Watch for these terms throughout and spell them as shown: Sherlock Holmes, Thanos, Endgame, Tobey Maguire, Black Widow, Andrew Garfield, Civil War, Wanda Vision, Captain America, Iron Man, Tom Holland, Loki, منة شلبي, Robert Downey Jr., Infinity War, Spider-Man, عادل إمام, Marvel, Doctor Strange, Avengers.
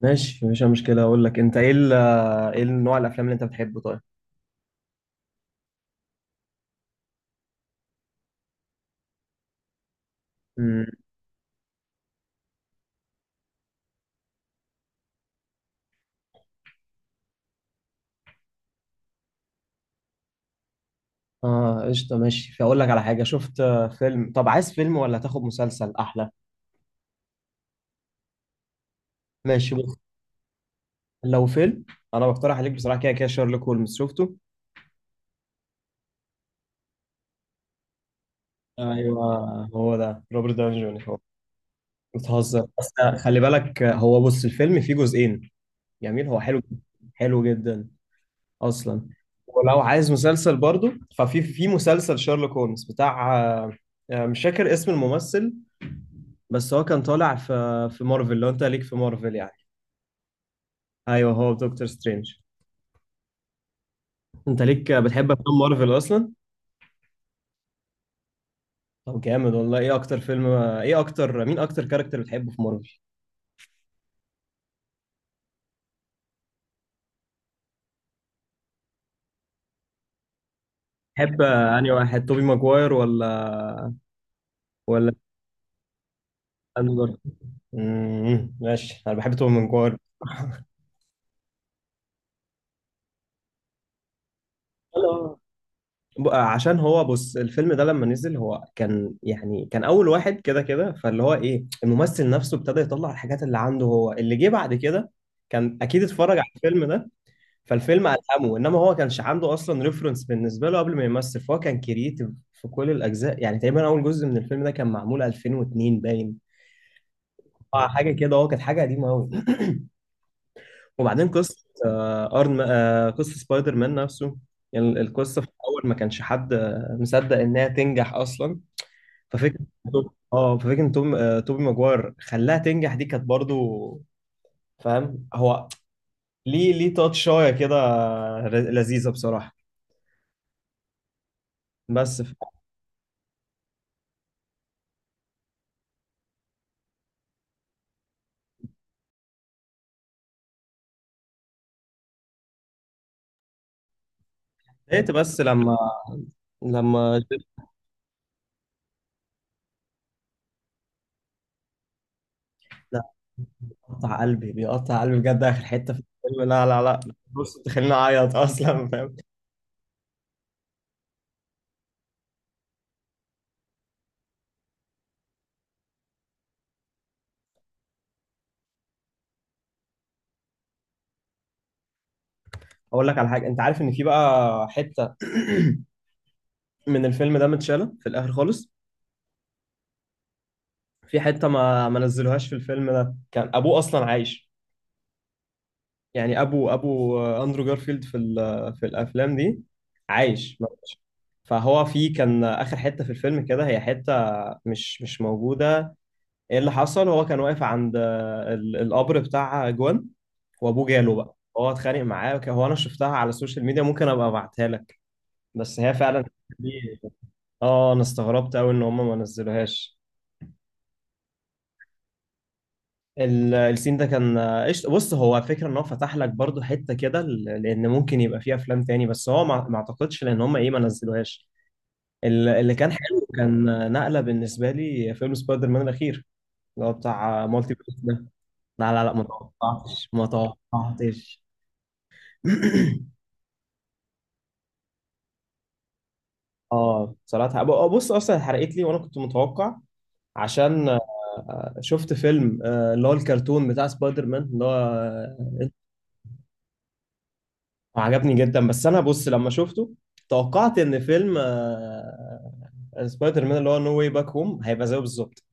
ماشي مفيش أي مشكلة أقول لك أنت إيه نوع الأفلام اللي أنت بتحبه طيب؟ مم. آه قشطة، ماشي. فأقول لك على حاجة شفت فيلم. طب عايز فيلم ولا تاخد مسلسل أحلى؟ ماشي، بص. لو فيلم أنا بقترح عليك بصراحة كده كده شارلوك هولمز، شفته؟ أيوه، هو ده روبرت داوني جونيور هو. بتهزر بس. خلي بالك هو، بص، الفيلم فيه جزئين. جميل، هو حلو. حلو جدا أصلا. ولو عايز مسلسل برضو ففي مسلسل شارلوك هولمز بتاع مش فاكر اسم الممثل، بس هو كان طالع في مارفل. لو انت ليك في مارفل يعني. ايوه هو دكتور سترينج. انت ليك بتحب افلام مارفل اصلا؟ طب جامد والله. ايه اكتر فيلم ايه اكتر مين اكتر كاركتر بتحبه في مارفل؟ تحب انهي واحد، توبي ماجواير ولا اندرو جارفيلد؟ ماشي، انا بحب توبي ماجواير. هلا. عشان هو، بص، الفيلم ده لما نزل هو كان يعني كان اول واحد كده كده، فاللي هو ايه الممثل نفسه ابتدى يطلع الحاجات اللي عنده. هو اللي جه بعد كده. كان اكيد اتفرج على الفيلم ده. فالفيلم ألهمه. إنما هو كانش عنده أصلا ريفرنس بالنسبة له قبل ما يمثل، فهو كان كرييتيف في كل الأجزاء. يعني تقريبا أول جزء من الفيلم ده كان معمول 2002 باين. حاجة كده، هو كانت حاجة قديمة أوي. وبعدين قصة آه، أرن آه، قصة سبايدر مان نفسه. يعني القصة في الأول ما كانش حد مصدق إنها تنجح أصلا. ففكرة اه ففكرة إن توم آه، توبي ماجواير خلاها تنجح، دي كانت برضو. فاهم هو؟ ليه تاتشاية كده، لذيذة بصراحة. بس لقيت بس لما لا. قطع قلبي بيقطع قلبي بجد، اخر حته في الفيلم. لا، لا، لا. بص تخليني اعيط اصلا، فاهم. اقول لك على حاجه، انت عارف ان في بقى حته من الفيلم ده متشاله في الاخر خالص. في حته ما نزلوهاش، في الفيلم ده كان ابوه اصلا عايش. يعني ابو اندرو جارفيلد في الافلام دي. عايش، ما ماتش. فهو في كان اخر حته في الفيلم كده هي حته مش موجوده. ايه اللي حصل، هو كان واقف عند القبر بتاع جوان. وابوه جاله بقى، هو اتخانق معاه هو انا شفتها على السوشيال ميديا، ممكن ابقى ابعتها لك. بس هي فعلا دي- اه، انا استغربت قوي ان هم ما نزلوهاش. السين ده كان قشط، بص. هو فكرة ان هو فتح لك برضو حتة كده، لان ممكن يبقى فيه افلام تاني. بس هو ما اعتقدش لان هم ايه ما نزلوهاش. اللي كان حلو كان نقلة بالنسبة لي، فيلم سبايدر مان الاخير. اللي هو بتاع مالتي فيرس ده. لا، لا، لا، ما توقعتش، ما توقعتش. اه صراحة بص اصلا اتحرقت لي وانا كنت متوقع، عشان شفت فيلم اللي هو الكرتون بتاع سبايدر مان اللي هو عجبني جدا. بس انا بص لما شفته توقعت ان فيلم سبايدر مان اللي هو نو واي باك هوم هيبقى زيه بالظبط.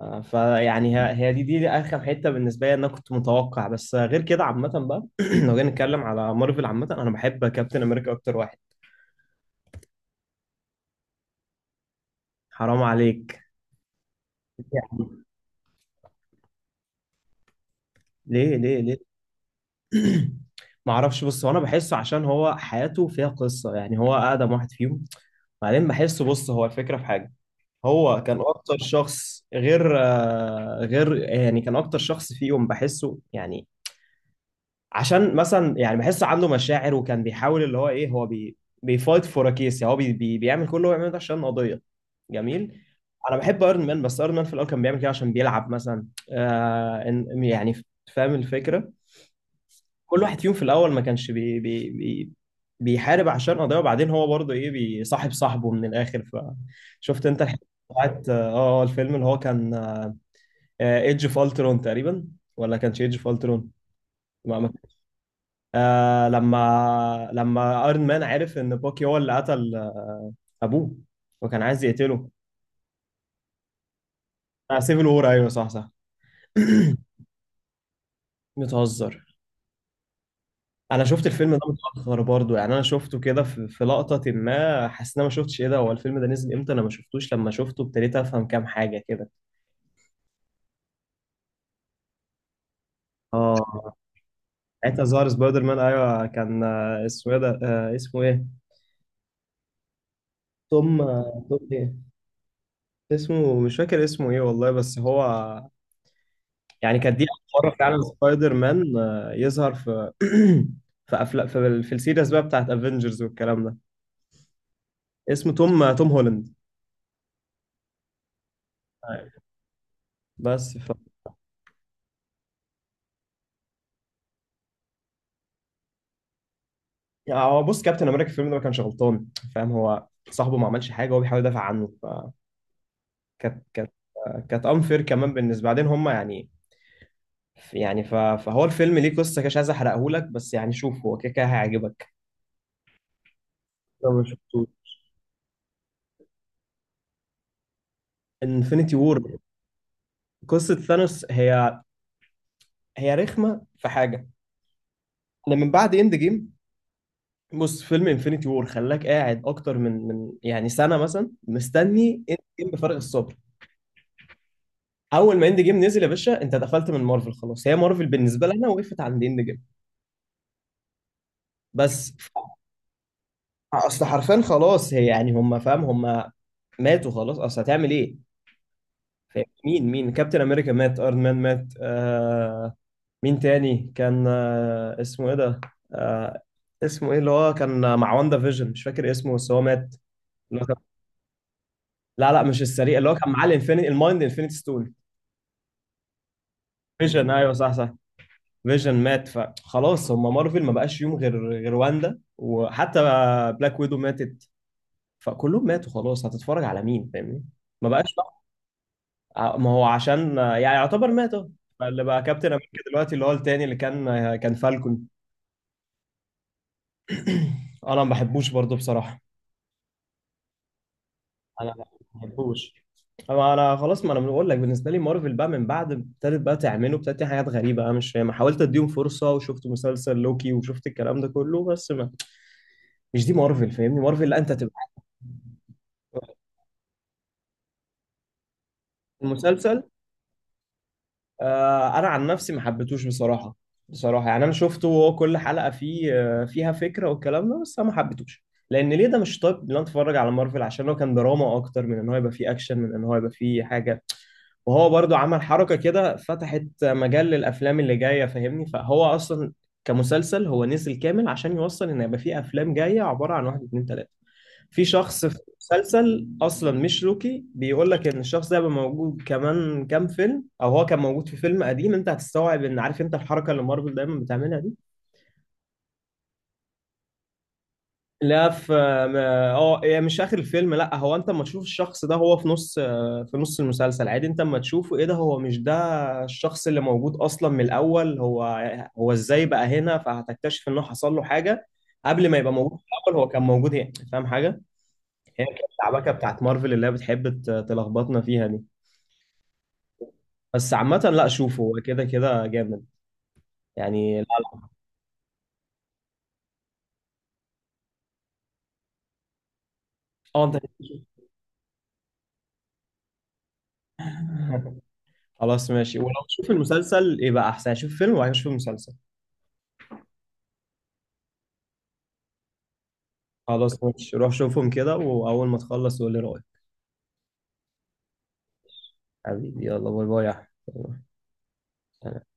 فيعني هي دي اخر حتة بالنسبة لي، إن انا كنت متوقع بس. غير كده عامة بقى لو جينا نتكلم على مارفل عامة، انا بحب كابتن امريكا اكتر واحد. حرام عليك. ليه، ليه، ليه؟ ما اعرفش. بص هو انا بحسه عشان هو حياته فيها قصه، يعني هو اقدم واحد فيهم. بعدين بحسه، بص هو الفكره في حاجه. هو كان اكتر شخص غير يعني كان اكتر شخص فيهم، بحسه يعني. عشان مثلا يعني بحسه عنده مشاعر، وكان بيحاول اللي هو ايه، هو بيفايت فور كيس، هو بي بي بيعمل كل اللي هو بيعمله ده عشان قضيه. جميل. انا بحب ايرون مان، بس ايرون مان في الاول كان بيعمل كده عشان بيلعب مثلا. يعني فاهم الفكره. كل واحد فيهم في الاول ما كانش بي بي بي بيحارب عشان قضيه، وبعدين هو برضه ايه بيصاحب صاحبه من الاخر. فشفت انت الحته بتاعت الفيلم اللي هو كان ايدج اوف الترون تقريبا، ولا كانش ايدج اوف الترون؟ ما ما- آه، لما ايرون مان عرف ان باكي هو اللي قتل ابوه، وكان عايز يقتله. آه سيفل وور، ايوه، صح، صح. بتهزر. انا شفت الفيلم ده متاخر برضو، يعني انا شفته كده في لقطه ما حسيت ان انا ما شفتش ايه ده، هو الفيلم ده نزل امتى؟ انا ما شفتوش. لما شفته ابتديت افهم كام حاجه كده. اه ساعتها ظهر سبايدر مان، ايوه كان، اسمه ايه ده، اسمه ايه؟ توم توم ايه؟ اسمه مش فاكر اسمه ايه والله، بس هو يعني كانت دي اول مره فعلا سبايدر مان يظهر في في افلام في السيريز بقى بتاعت افنجرز والكلام ده. اسمه توم هولاند. أيوة. بس يعني هو، بص، كابتن امريكا في الفيلم ده ما كانش غلطان. فاهم، هو صاحبه ما عملش حاجه هو بيحاول يدافع عنه، فكانت كانت كانت انفير كمان بالنسبه بعدين هم يعني فهو الفيلم ليه قصه كده، مش عايز احرقه لك بس يعني، شوف هو كده كده هيعجبك لو ما شفتوش. انفينيتي وور قصه ثانوس، هي رخمه في حاجه. لما من بعد اند جيم، بص فيلم انفينيتي وور خلاك قاعد اكتر من يعني سنه مثلا، مستني اند جيم بفارغ الصبر. اول ما اند جيم نزل يا باشا، انت دخلت من مارفل خلاص. هي مارفل بالنسبه لنا وقفت عند اند جيم. بس اصل حرفيا خلاص، هي يعني هم فاهم، هم ماتوا خلاص، اصل هتعمل ايه؟ فاهم؟ مين كابتن امريكا مات، ايرون مان مات، آه، مين تاني كان، آه، اسمه ايه ده، آه، اسمه ايه اللي هو كان مع واندا فيجن، مش فاكر اسمه بس هو مات. اللي هو كان. لا، لا، مش السريع، اللي هو كان معاه الانفينيتي المايند انفينيتي ستون. فيجن، ايوه، صح، صح. فيجن مات فخلاص، هم مارفل ما بقاش فيهم غير واندا، وحتى بلاك ويدو ماتت. فكلهم ماتوا خلاص، هتتفرج على مين؟ فاهمني؟ ما بقاش بقى. ما هو عشان يعني يعتبر مات أهو. اللي بقى كابتن امريكا دلوقتي اللي هو التاني، اللي كان فالكون. انا ما بحبوش برضه بصراحه. انا ما بحبوش. أما انا خلاص، ما انا بقول لك بالنسبه لي مارفل بقى من بعد ابتدت تعمل حاجات غريبه، انا مش فاهم. حاولت اديهم فرصه وشفت مسلسل لوكي وشفت الكلام ده كله، بس ما مش دي مارفل، فاهمني. مارفل لا انت تبقى المسلسل، انا عن نفسي ما حبيتهوش بصراحه. بصراحه يعني انا شفته، وهو كل حلقه فيه فيها فكره والكلام ده، بس انا ما حبيتهوش. لان ليه ده مش طيب؟ اللي انا اتفرج على مارفل عشان هو كان دراما اكتر من ان هو يبقى فيه اكشن، من ان هو يبقى فيه حاجه. وهو برضو عمل حركه كده فتحت مجال للافلام اللي جايه، فاهمني، فهو اصلا كمسلسل هو نزل كامل عشان يوصل ان يبقى فيه افلام جايه عباره عن واحد اتنين تلاته. في شخص في مسلسل اصلا مش روكي بيقول لك ان الشخص ده هيبقى موجود كمان كام فيلم، او هو كان موجود في فيلم قديم. انت هتستوعب، ان عارف انت الحركه اللي مارفل دايما بتعملها دي. لا في اه هي مش اخر الفيلم لا، هو انت اما تشوف الشخص ده هو في نص آه، في نص المسلسل عادي، انت اما تشوفه ايه ده، هو مش ده الشخص اللي موجود اصلا من الاول هو. هو ازاي بقى هنا، فهتكتشف انه حصل له حاجه. قبل ما يبقى موجود، في الاول هو كان موجود هنا، فاهم حاجه. هي كانت العباكه بتاعت مارفل اللي هي بتحب تلخبطنا فيها دي. بس عامة، لا، شوفه هو كده كده جامد يعني. لا اه انت خلاص، ماشي. ولو تشوف المسلسل يبقى احسن، يعني شوف فيلم وبعدين شوف المسلسل. خلاص، ماشي، روح شوفهم كده، واول ما تخلص قول لي رأيك. حبيبي يلا باي باي يا أحمد.